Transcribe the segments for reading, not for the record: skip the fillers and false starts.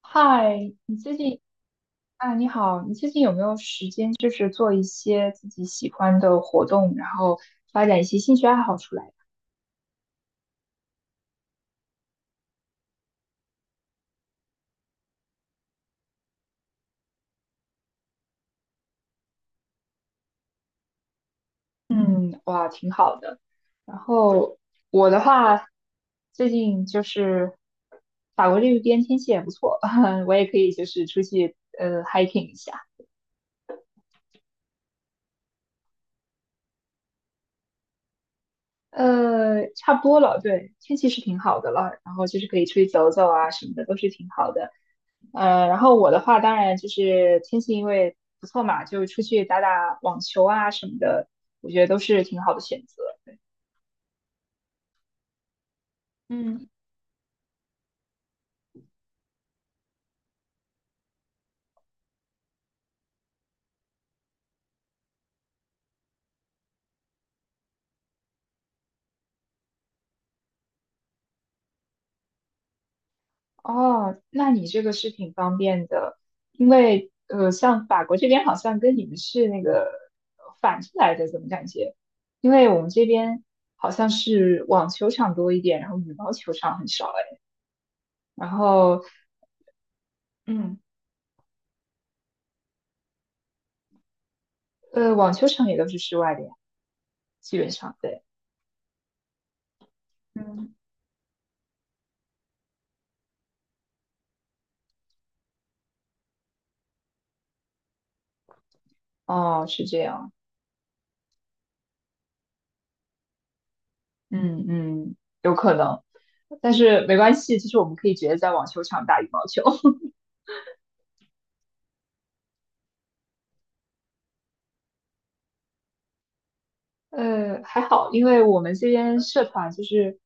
嗨，啊，你好，你最近有没有时间，就是做一些自己喜欢的活动，然后发展一些兴趣爱好出来？嗯，哇，挺好的。然后我的话，最近就是法国这边天气也不错，我也可以就是出去hiking 一下。差不多了，对，天气是挺好的了，然后就是可以出去走走啊什么的，都是挺好的。然后我的话，当然就是天气因为不错嘛，就出去打打网球啊什么的，我觉得都是挺好的选择。嗯，哦，那你这个是挺方便的，因为像法国这边好像跟你们是那个反着来的，怎么感觉？因为我们这边好像是网球场多一点，然后羽毛球场很少哎，然后嗯网球场也都是室外的呀，基本上对。嗯，哦，是这样。嗯嗯，有可能，但是没关系，其实我们可以直接在网球场打羽毛球。还好，因为我们这边社团就是，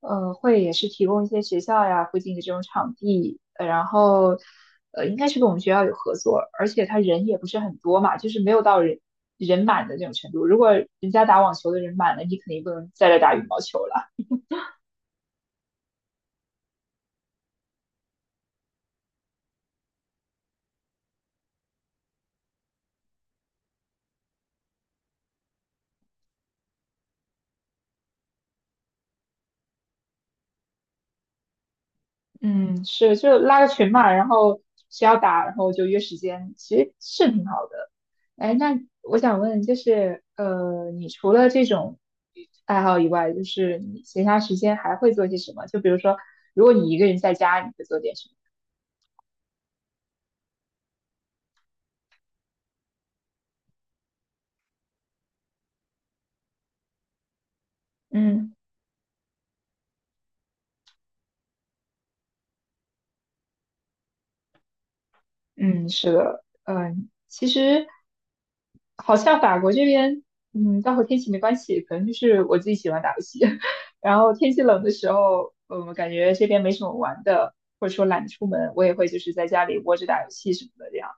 会也是提供一些学校呀附近的这种场地，然后，应该是跟我们学校有合作，而且他人也不是很多嘛，就是没有到人满的那种程度。如果人家打网球的人满了，你肯定不能在这打羽毛球了。嗯，是，就拉个群嘛，然后谁要打，然后就约时间，其实是挺好的。哎，那我想问，就是你除了这种爱好以外，就是你闲暇时间还会做些什么？就比如说，如果你一个人在家，你会做点什么？嗯嗯，是的，其实好像法国这边，倒和天气没关系，可能就是我自己喜欢打游戏，然后天气冷的时候，我感觉这边没什么玩的，或者说懒得出门，我也会就是在家里窝着打游戏什么的这样。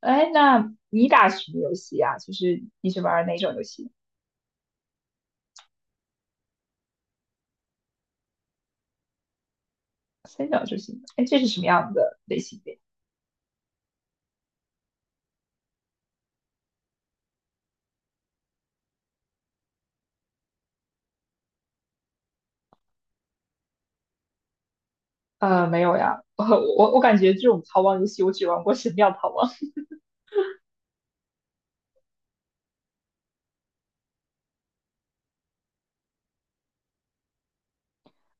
哎，那你打什么游戏呀？就是你是玩哪种游戏？三角洲行。哎，这是什么样的类型的呀没有呀，我感觉这种逃亡游戏我只玩过《神庙逃亡》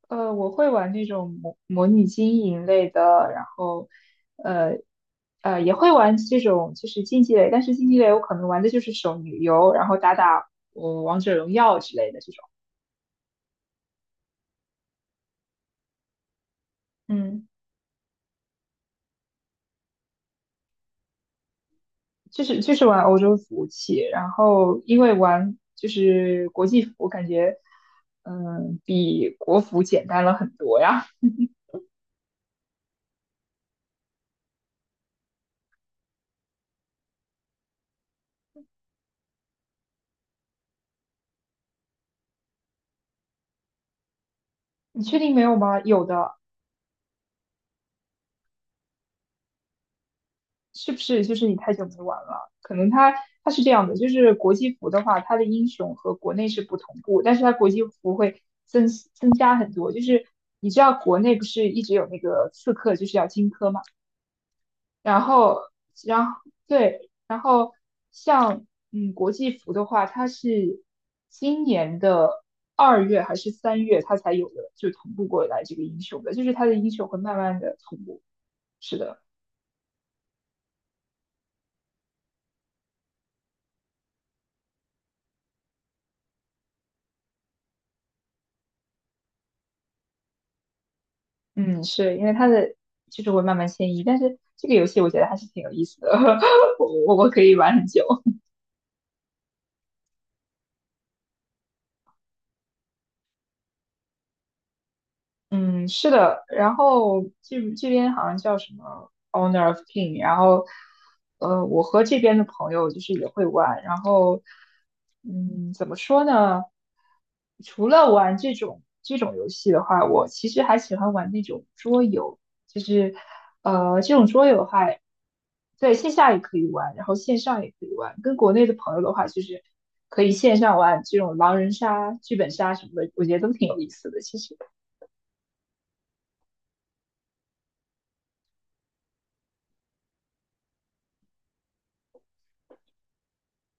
我会玩那种模拟经营类的，然后，呃，也会玩这种就是竞技类，但是竞技类我可能玩的就是手游，然后打打我王者荣耀之类的这种，嗯，就是玩欧洲服务器，然后因为玩就是国际服，我感觉比国服简单了很多呀。你确定没有吗？有的，是不是就是你太久没玩了？可能它是这样的，就是国际服的话，它的英雄和国内是不同步，但是它国际服会增加很多。就是你知道国内不是一直有那个刺客就是要荆轲嘛，然后然后对，然后像国际服的话，它是今年的2月还是3月它才有的，就同步过来这个英雄的，就是它的英雄会慢慢的同步。是的。嗯，是因为它的就是会慢慢迁移，但是这个游戏我觉得还是挺有意思的，我可以玩很久。嗯，是的，然后这边好像叫什么 o w n e r of King,然后我和这边的朋友就是也会玩，然后嗯，怎么说呢？除了玩这种游戏的话，我其实还喜欢玩那种桌游，就是这种桌游的话，在线下也可以玩，然后线上也可以玩，跟国内的朋友的话，就是可以线上玩这种狼人杀、剧本杀什么的，我觉得都挺有意思的，其实，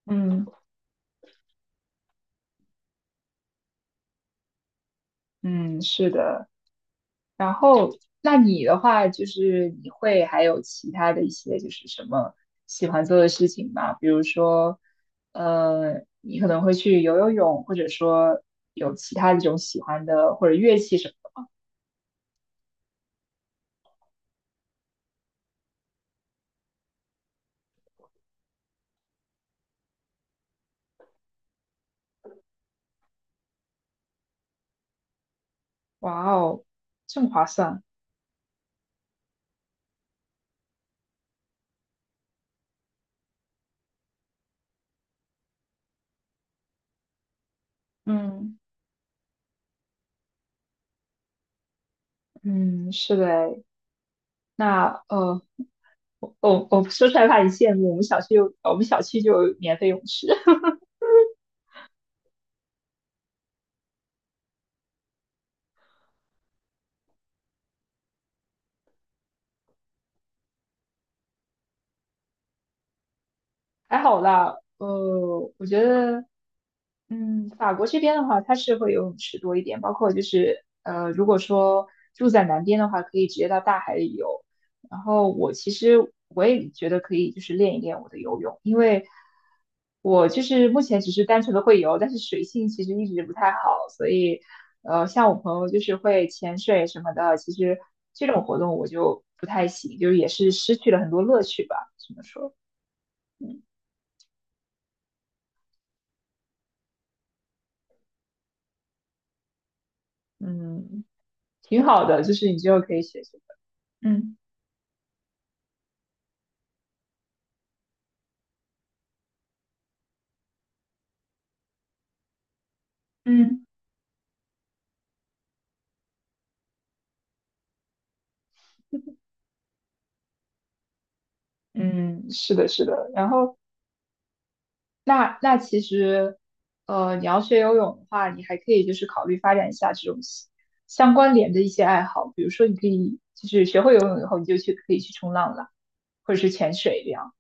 嗯。嗯，是的。然后，那你的话，就是你会还有其他的一些，就是什么喜欢做的事情吗？比如说，你可能会去游游泳，或者说有其他一种喜欢的或者乐器什么的哇哦，这么划算。嗯嗯，是的诶，那我说出来怕你羡慕，我们小区就有免费泳池。还好啦，我觉得法国这边的话，它是会游泳池多一点，包括就是如果说住在南边的话，可以直接到大海里游。然后我其实也觉得可以，就是练一练我的游泳，因为我就是目前只是单纯的会游，但是水性其实一直不太好，所以像我朋友就是会潜水什么的，其实这种活动我就不太行，就是也是失去了很多乐趣吧，只能说，嗯嗯挺好的，就是你之后可以学学的，嗯。嗯嗯，是的，是的。然后，那其实，你要学游泳的话，你还可以就是考虑发展一下这种相关联的一些爱好，比如说你可以就是学会游泳以后，你就去可以去冲浪了，或者是潜水这样。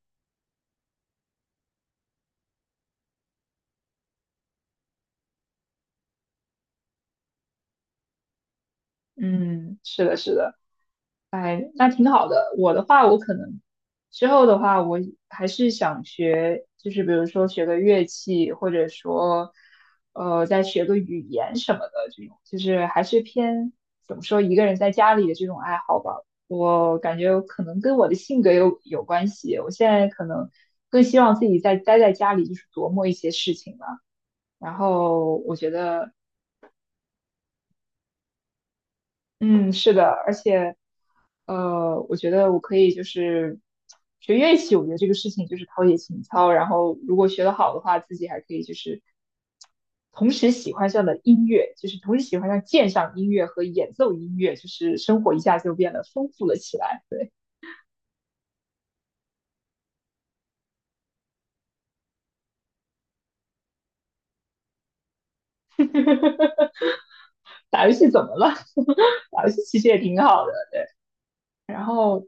嗯，是的，是的。哎，那挺好的。我的话，我可能之后的话，我还是想学，就是比如说学个乐器，或者说，再学个语言什么的这种，就是还是偏怎么说一个人在家里的这种爱好吧。我感觉可能跟我的性格有关系。我现在可能更希望自己待在家里，就是琢磨一些事情吧。然后我觉得嗯，是的，而且，我觉得我可以就是学乐器，我觉得这个事情就是陶冶情操，然后如果学得好的话，自己还可以就是同时喜欢上了音乐，就是同时喜欢上鉴赏音乐和演奏音乐，就是生活一下就变得丰富了起来。打游戏怎么了？打游戏其实也挺好的。然后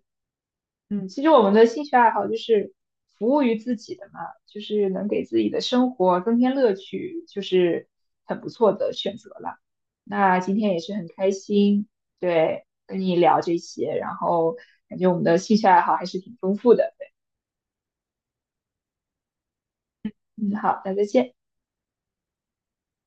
嗯，其实我们的兴趣爱好就是服务于自己的嘛，就是能给自己的生活增添乐趣，就是很不错的选择了。那今天也是很开心，对，跟你聊这些，然后感觉我们的兴趣爱好还是挺丰富的。嗯，好，那再见。